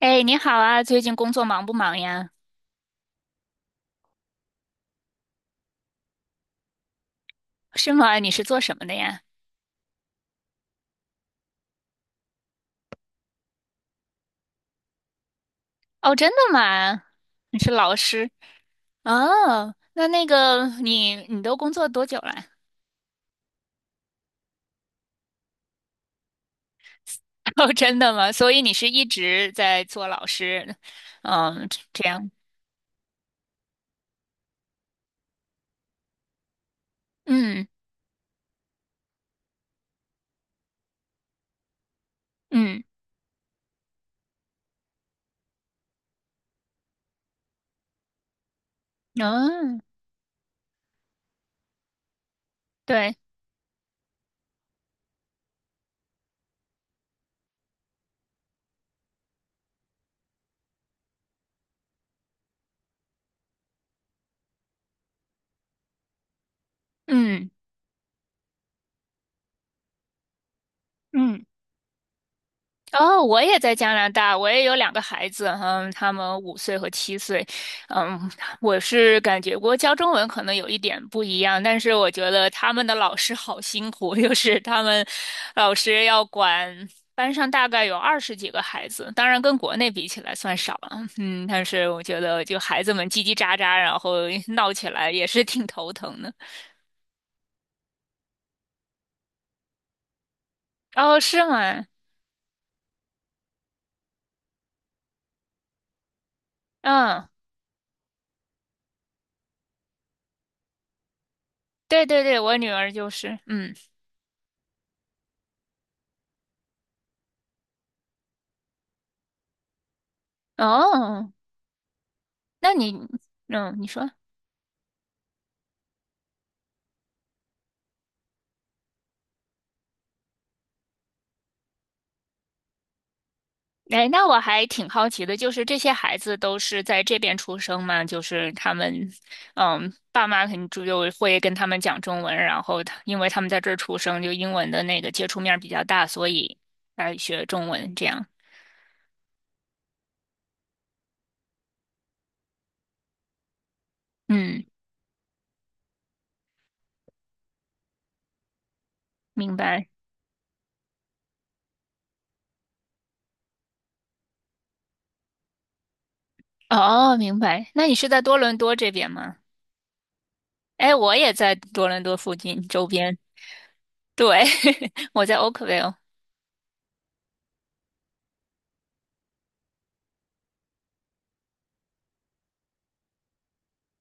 哎，你好啊，最近工作忙不忙呀？是吗？你是做什么的呀？哦，真的吗？你是老师？哦，那个你都工作多久了？哦，真的吗？所以你是一直在做老师，嗯，这样，嗯嗯，嗯，对，嗯嗯。哦，我也在加拿大，我也有两个孩子，嗯，他们五岁和七岁。嗯，我是感觉我教中文可能有一点不一样，但是我觉得他们的老师好辛苦，就是他们老师要管班上大概有二十几个孩子，当然跟国内比起来算少了，嗯，但是我觉得就孩子们叽叽喳喳，然后闹起来也是挺头疼的。哦，是吗？嗯，对对对，我女儿就是，嗯，哦。那你，嗯，你说，哎，那我还挺好奇的，就是这些孩子都是在这边出生吗？就是他们，嗯，爸妈肯定就会跟他们讲中文，然后他因为他们在这儿出生，就英文的那个接触面儿比较大，所以来学中文这样。嗯，明白。哦，明白。那你是在多伦多这边吗？哎，我也在多伦多附近周边，对，我在 Oakville。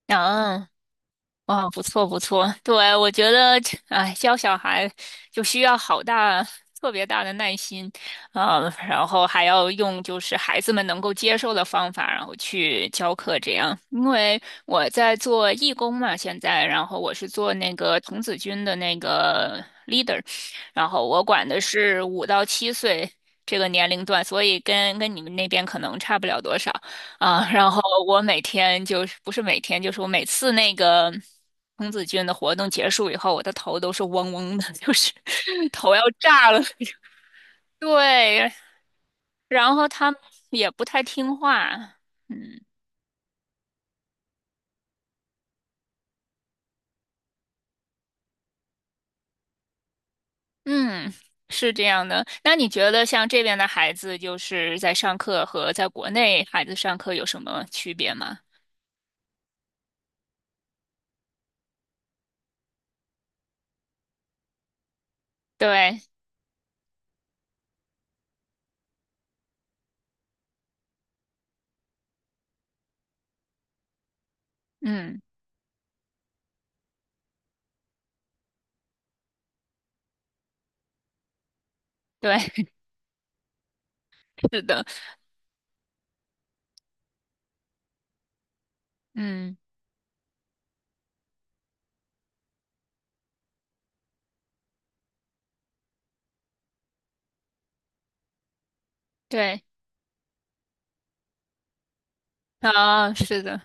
啊哇，不错不错，对，我觉得，哎，教小孩就需要好大、特别大的耐心，然后还要用就是孩子们能够接受的方法，然后去教课这样。因为我在做义工嘛，现在，然后我是做那个童子军的那个 leader，然后我管的是五到七岁这个年龄段，所以跟你们那边可能差不了多少。啊，然后我每天就是不是每天，就是我每次那个童子军的活动结束以后，我的头都是嗡嗡的，就是 头要炸了。对，然后他们也不太听话，嗯嗯，是这样的。那你觉得像这边的孩子，就是在上课和在国内孩子上课有什么区别吗？对，嗯，对，是的，嗯，对，啊，是的。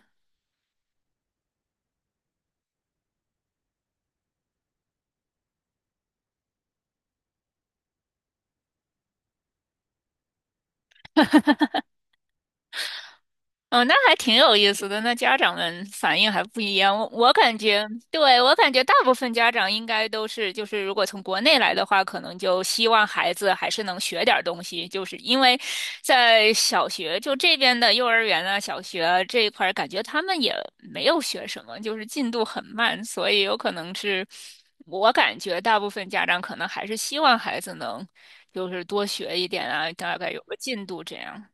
哦，那还挺有意思的。那家长们反应还不一样，我感觉，对，我感觉大部分家长应该都是，就是如果从国内来的话，可能就希望孩子还是能学点儿东西，就是因为在小学就这边的幼儿园啊、小学啊这一块儿，感觉他们也没有学什么，就是进度很慢，所以有可能是我感觉大部分家长可能还是希望孩子能就是多学一点啊，大概有个进度这样。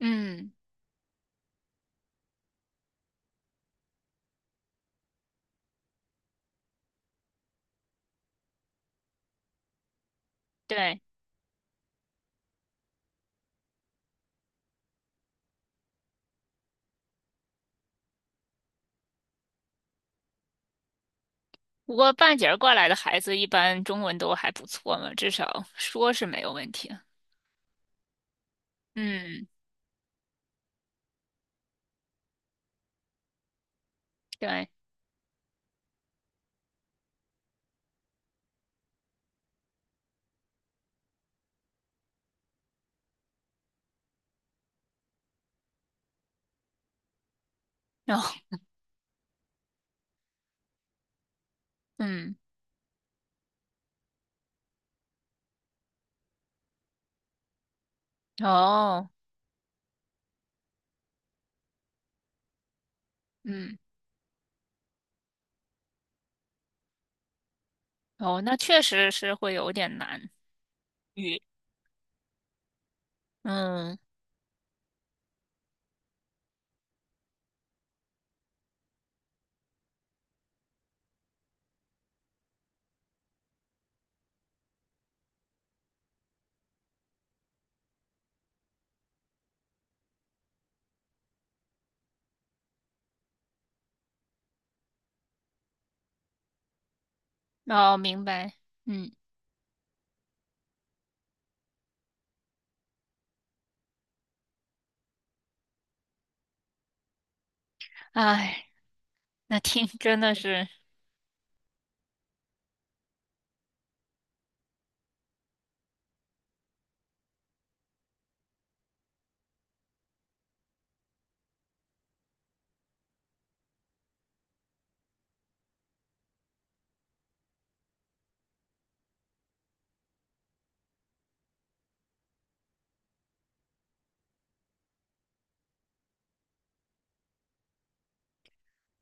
嗯，对。不过半截儿过来的孩子一般中文都还不错嘛，至少说是没有问题的。嗯，对，然后嗯，哦，嗯，哦，那确实是会有点难语。嗯，哦，明白。嗯，哎，那听真的是。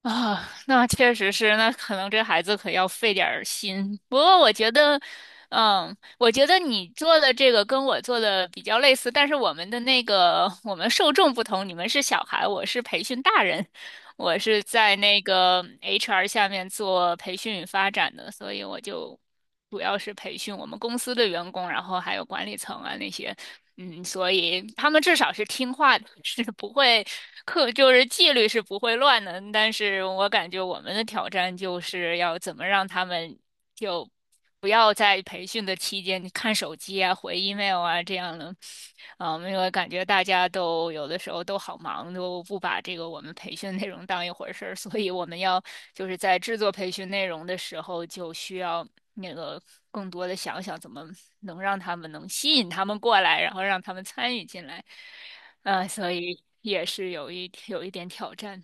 啊，那确实是，那可能这孩子可要费点儿心。不过我觉得，嗯，我觉得你做的这个跟我做的比较类似，但是我们的那个我们受众不同，你们是小孩，我是培训大人，我是在那个 HR 下面做培训与发展的，所以我就主要是培训我们公司的员工，然后还有管理层啊那些，嗯，所以他们至少是听话的，是不会课就是纪律是不会乱的。但是我感觉我们的挑战就是要怎么让他们就。不要在培训的期间看手机啊、回 email 啊这样的，啊，因为感觉大家都有的时候都好忙，都不把这个我们培训内容当一回事儿，所以我们要就是在制作培训内容的时候，就需要那个更多的想想怎么能让他们能吸引他们过来，然后让他们参与进来，嗯，所以也是有一点挑战，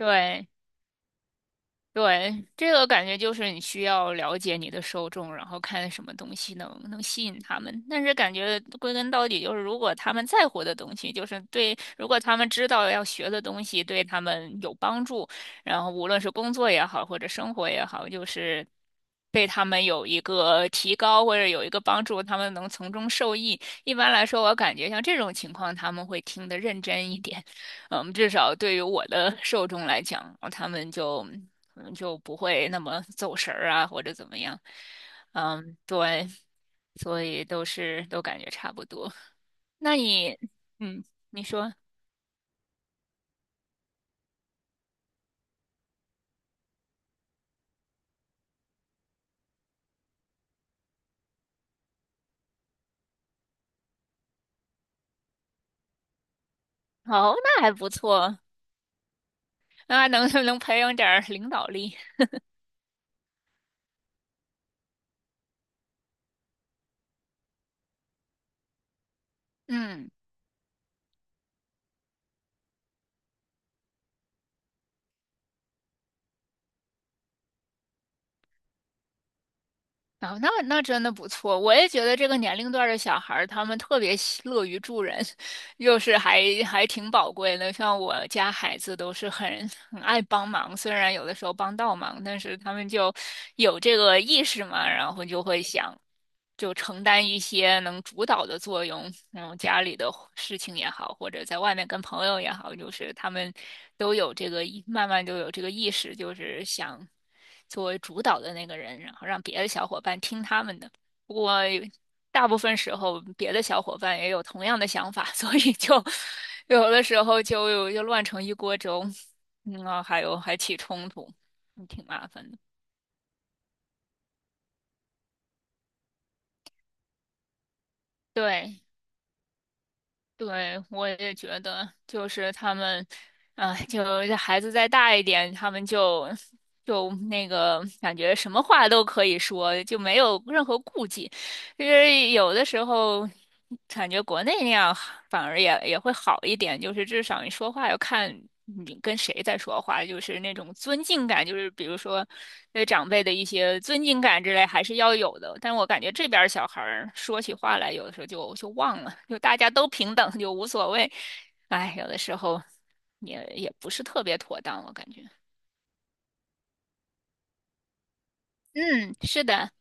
对。对，这个感觉就是你需要了解你的受众，然后看什么东西能吸引他们。但是感觉归根到底就是，如果他们在乎的东西，就是对，如果他们知道要学的东西对他们有帮助，然后无论是工作也好，或者生活也好，就是对他们有一个提高或者有一个帮助，他们能从中受益。一般来说，我感觉像这种情况，他们会听得认真一点。嗯，至少对于我的 受众来讲，他们就可能就不会那么走神儿啊，或者怎么样。嗯，对，所以都是都感觉差不多。那你，嗯，你说，哦，那还不错，那能 能培养点儿领导力。嗯，哦，那那真的不错。我也觉得这个年龄段儿的小孩儿，他们特别喜乐于助人。就是还还挺宝贵的。像我家孩子都是很爱帮忙，虽然有的时候帮倒忙，但是他们就有这个意识嘛，然后就会想就承担一些能主导的作用，然后家里的事情也好，或者在外面跟朋友也好，就是他们都有这个意，慢慢就有这个意识，就是想作为主导的那个人，然后让别的小伙伴听他们的。我。大部分时候别的小伙伴也有同样的想法，所以就有的时候就乱成一锅粥，嗯，啊还有还起冲突，嗯挺麻烦的。对，对，我也觉得，就是他们，啊、就是孩子再大一点，他们就就那个感觉什么话都可以说，就没有任何顾忌。就是有的时候感觉国内那样反而也会好一点，就是至少你说话要看你跟谁在说话，就是那种尊敬感，就是比如说对长辈的一些尊敬感之类还是要有的。但我感觉这边儿小孩儿说起话来，有的时候就忘了，就大家都平等，就无所谓。哎，有的时候也不是特别妥当，我感觉。嗯，是的。好。